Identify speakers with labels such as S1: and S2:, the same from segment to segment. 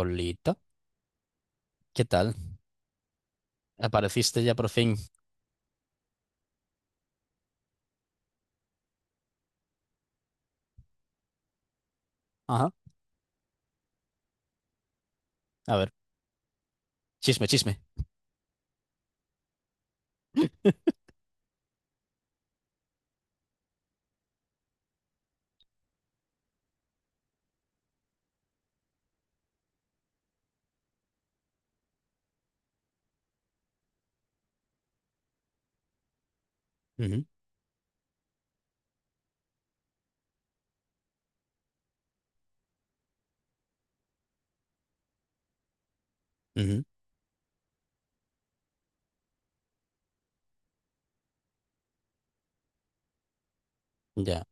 S1: Olita, ¿qué tal? Apareciste ya por fin. Ajá. A ver, chisme, chisme. Ujú. Ujú. Ya.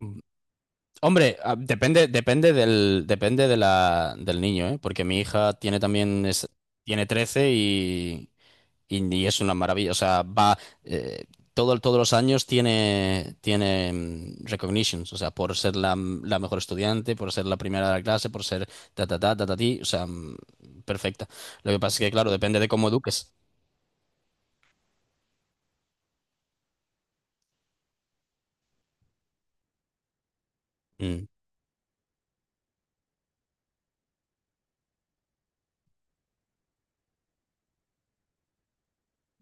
S1: Mm. Hombre, ah, depende del niño, ¿eh? Porque mi hija tiene también, tiene trece y es una maravilla. O sea, eh, todos los años tiene recognitions. O sea, por ser la mejor estudiante, por ser la primera de la clase, por ser ta, ta, ta, ta, ta, ti. O sea, perfecta. Lo que pasa es que, claro, depende de cómo eduques.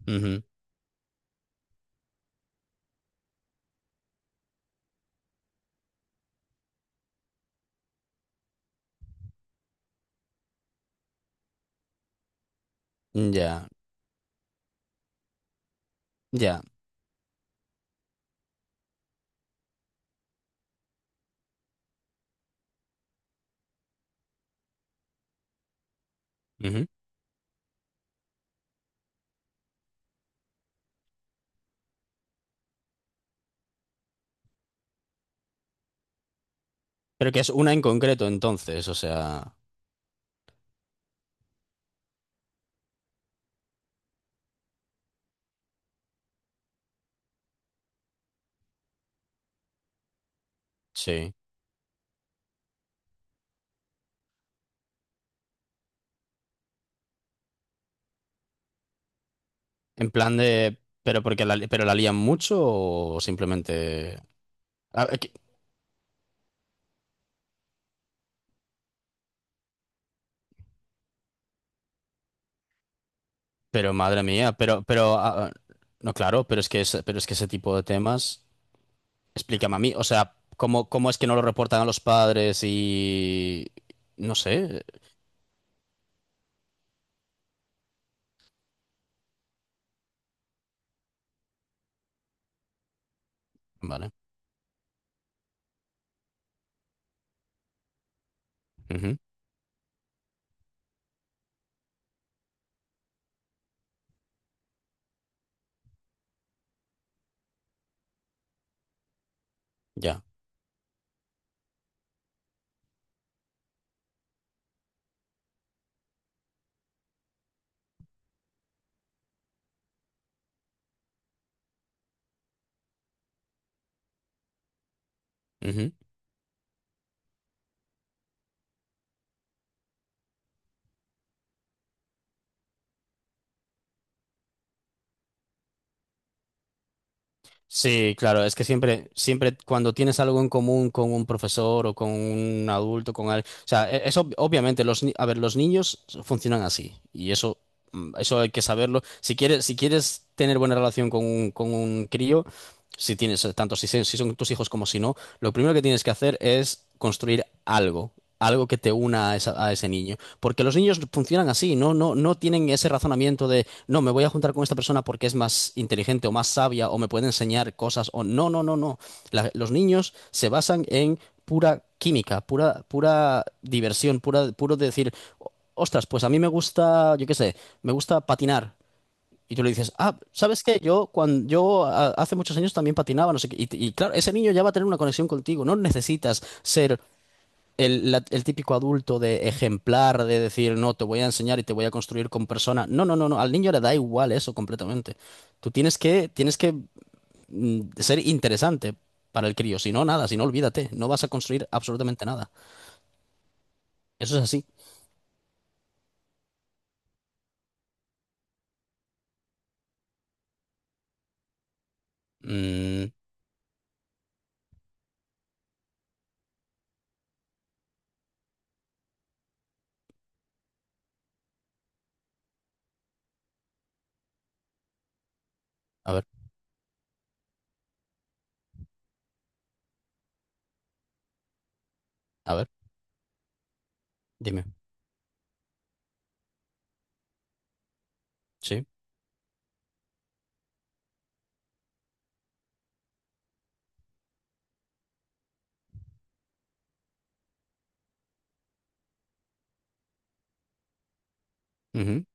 S1: Ujú. Ya, ya. Ujú. Pero que es una en concreto entonces, o sea, sí. En plan de, pero la lían mucho o simplemente... Ah, que- Pero madre mía, no, claro, pero es que, pero es que ese tipo de temas, explícame a mí, o sea, ¿cómo es que no lo reportan a los padres y... No sé, vale. Ujú. Ya. Sí, claro, es que siempre cuando tienes algo en común con un profesor o con un adulto, con alguien, o sea, eso obviamente los, ni- a ver, los niños funcionan así y eso, eso hay que saberlo. Si quieres tener buena relación con un crío, tanto si son tus hijos como si no, lo primero que tienes que hacer es construir algo, algo que te una a ese niño. Porque los niños funcionan así, no, no, no tienen ese razonamiento de no, me voy a juntar con esta persona porque es más inteligente o más sabia o me puede enseñar cosas o no, no, no, no. Los niños se basan en pura química, pura, pura diversión, pura, puro decir, ostras, pues a mí me gusta, yo qué sé, me gusta patinar. Y tú le dices, ah, ¿sabes qué? Yo, cuando, yo a- Hace muchos años también patinaba, no sé qué. Y claro, ese niño ya va a tener una conexión contigo. No necesitas ser el típico adulto de ejemplar, de decir, no, te voy a enseñar y te voy a construir con persona. No, no, no, no. Al niño le da igual eso completamente. Tú tienes que, tienes que ser interesante para el crío. Si no, nada, si no, olvídate. No vas a construir absolutamente nada. Eso es así. Mm, a ver, a ver, dime. Sí. Ujú.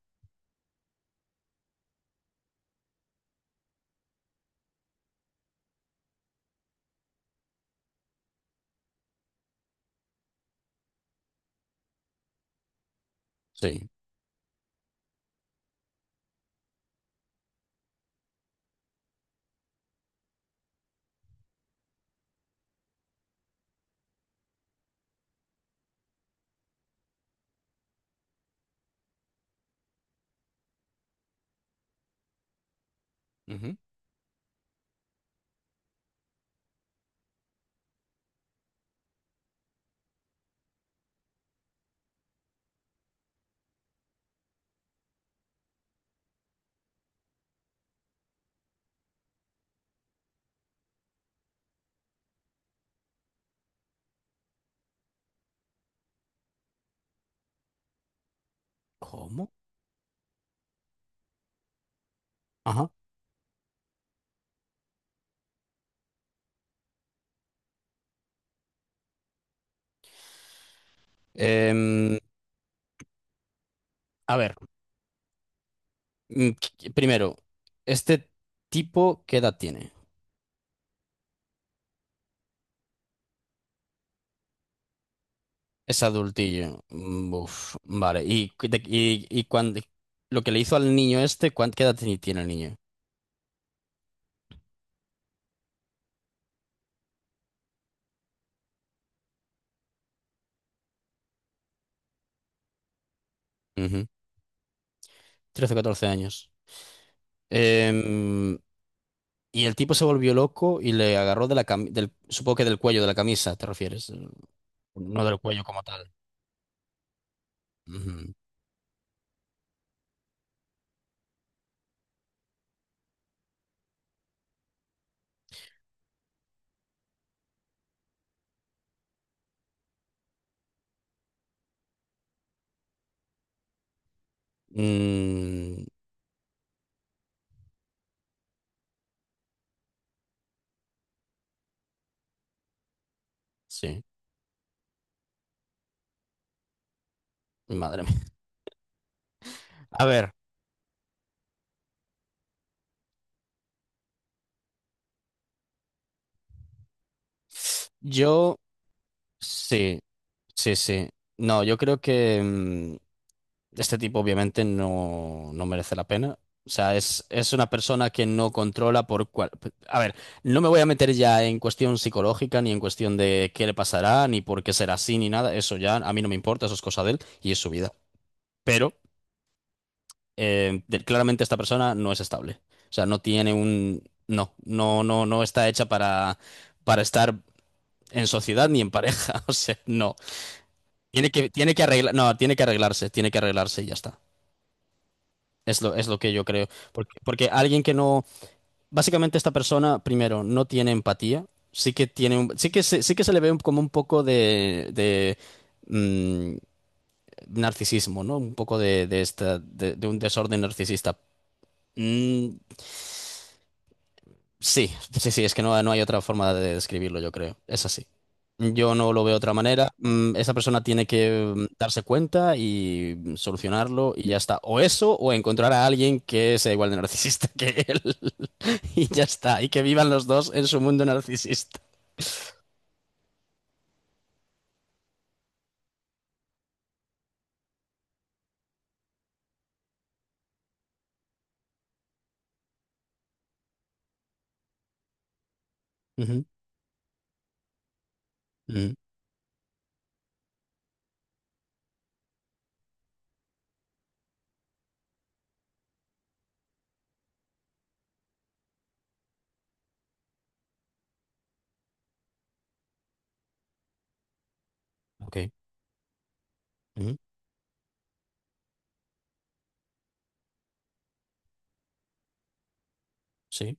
S1: Sí. Ujú. ¿Cómo? Ajá. Em, a ver, primero, ¿este tipo qué edad tiene? Es adultillo. Uf, vale. Lo que le hizo al niño este, qué edad tiene el niño? Ujú. 13 o 14 años. Em, y el tipo se volvió loco y le agarró de supongo que del cuello de la camisa, ¿te refieres? No del cuello como tal. Ujú. Mm, sí, madre mía. A ver, yo sí. Sí, sí. No, yo creo que este tipo obviamente no merece la pena. O sea, es una persona que no controla por cual... A ver, no me voy a meter ya en cuestión psicológica, ni en cuestión de qué le pasará, ni por qué será así, ni nada. Eso ya a mí no me importa, eso es cosa de él y es su vida. Pero claramente esta persona no es estable. O sea, no tiene un... No, no, no, no está hecha para estar en sociedad ni en pareja. O sea, no. Tiene que arreglar, no, tiene que arreglarse y ya está. Es lo que yo creo. Porque alguien que no, básicamente esta persona, primero, no tiene empatía, sí que tiene un- sí que se le ve como un poco de, mm, narcisismo, ¿no? Un poco de un desorden narcisista. Mm, Sí, sí, sí, es que no hay otra forma de describirlo, yo creo. Es así. Yo no lo veo de otra manera. Esa persona tiene que darse cuenta y solucionarlo y ya está. O eso, o encontrar a alguien que sea igual de narcisista que él. Y ya está. Y que vivan los dos en su mundo narcisista. Ujú. Ujú. Ok. Ujú. Sí,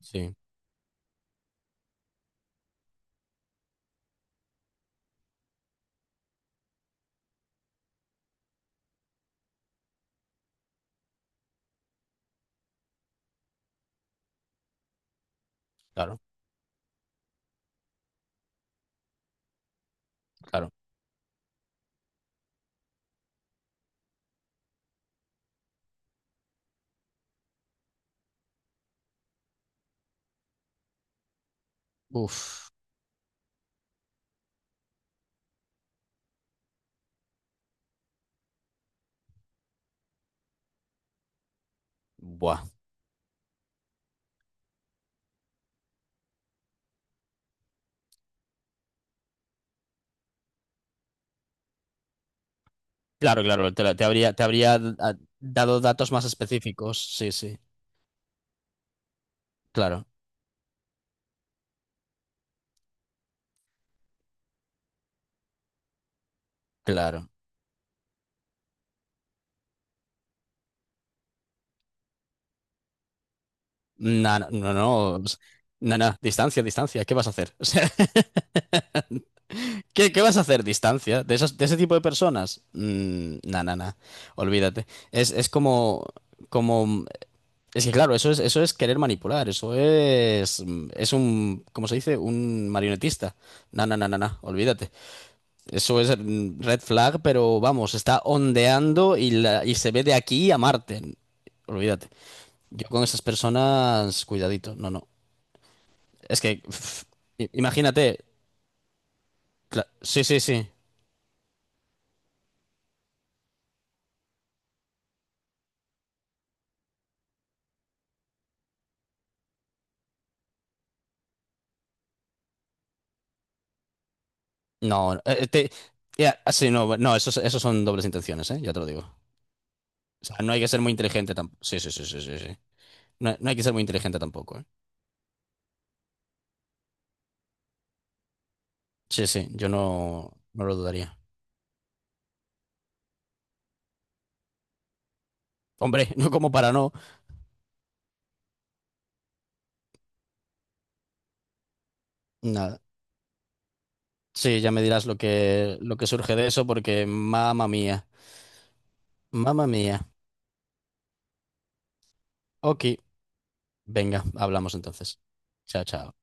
S1: sí. Claro, claro. Uf. Buah. Claro, claro. Te habría dado datos más específicos. Sí, sí. Claro, claro. No, no, no, no, no, no, distancia, distancia, ¿qué vas a hacer? O sea, ¿qué vas a hacer? Distancia, de ese tipo de personas. No, no, no, olvídate. Es como es que claro, eso es querer manipular, es un, ¿cómo se dice? Un marionetista. No, no, no, no, no, olvídate. Eso es red flag, pero vamos, está ondeando y se ve de aquí a Marte. Olvídate. Yo con esas personas, cuidadito, no, no. Es que, pf, imagínate. Sí, sí, sí. No, ya, sí, no, no, eso son dobles intenciones, ¿eh? Ya te lo digo. O sea, no hay que ser muy inteligente tampoco. Sí, sí, sí, sí, sí, sí. No, no hay que ser muy inteligente tampoco, ¿eh? Sí, sí, yo no lo dudaría. Hombre, no como para no. Nada. Sí, ya me dirás lo que surge de eso, porque mamma mía, mamma mía. Ok, venga, hablamos entonces. Chao, chao.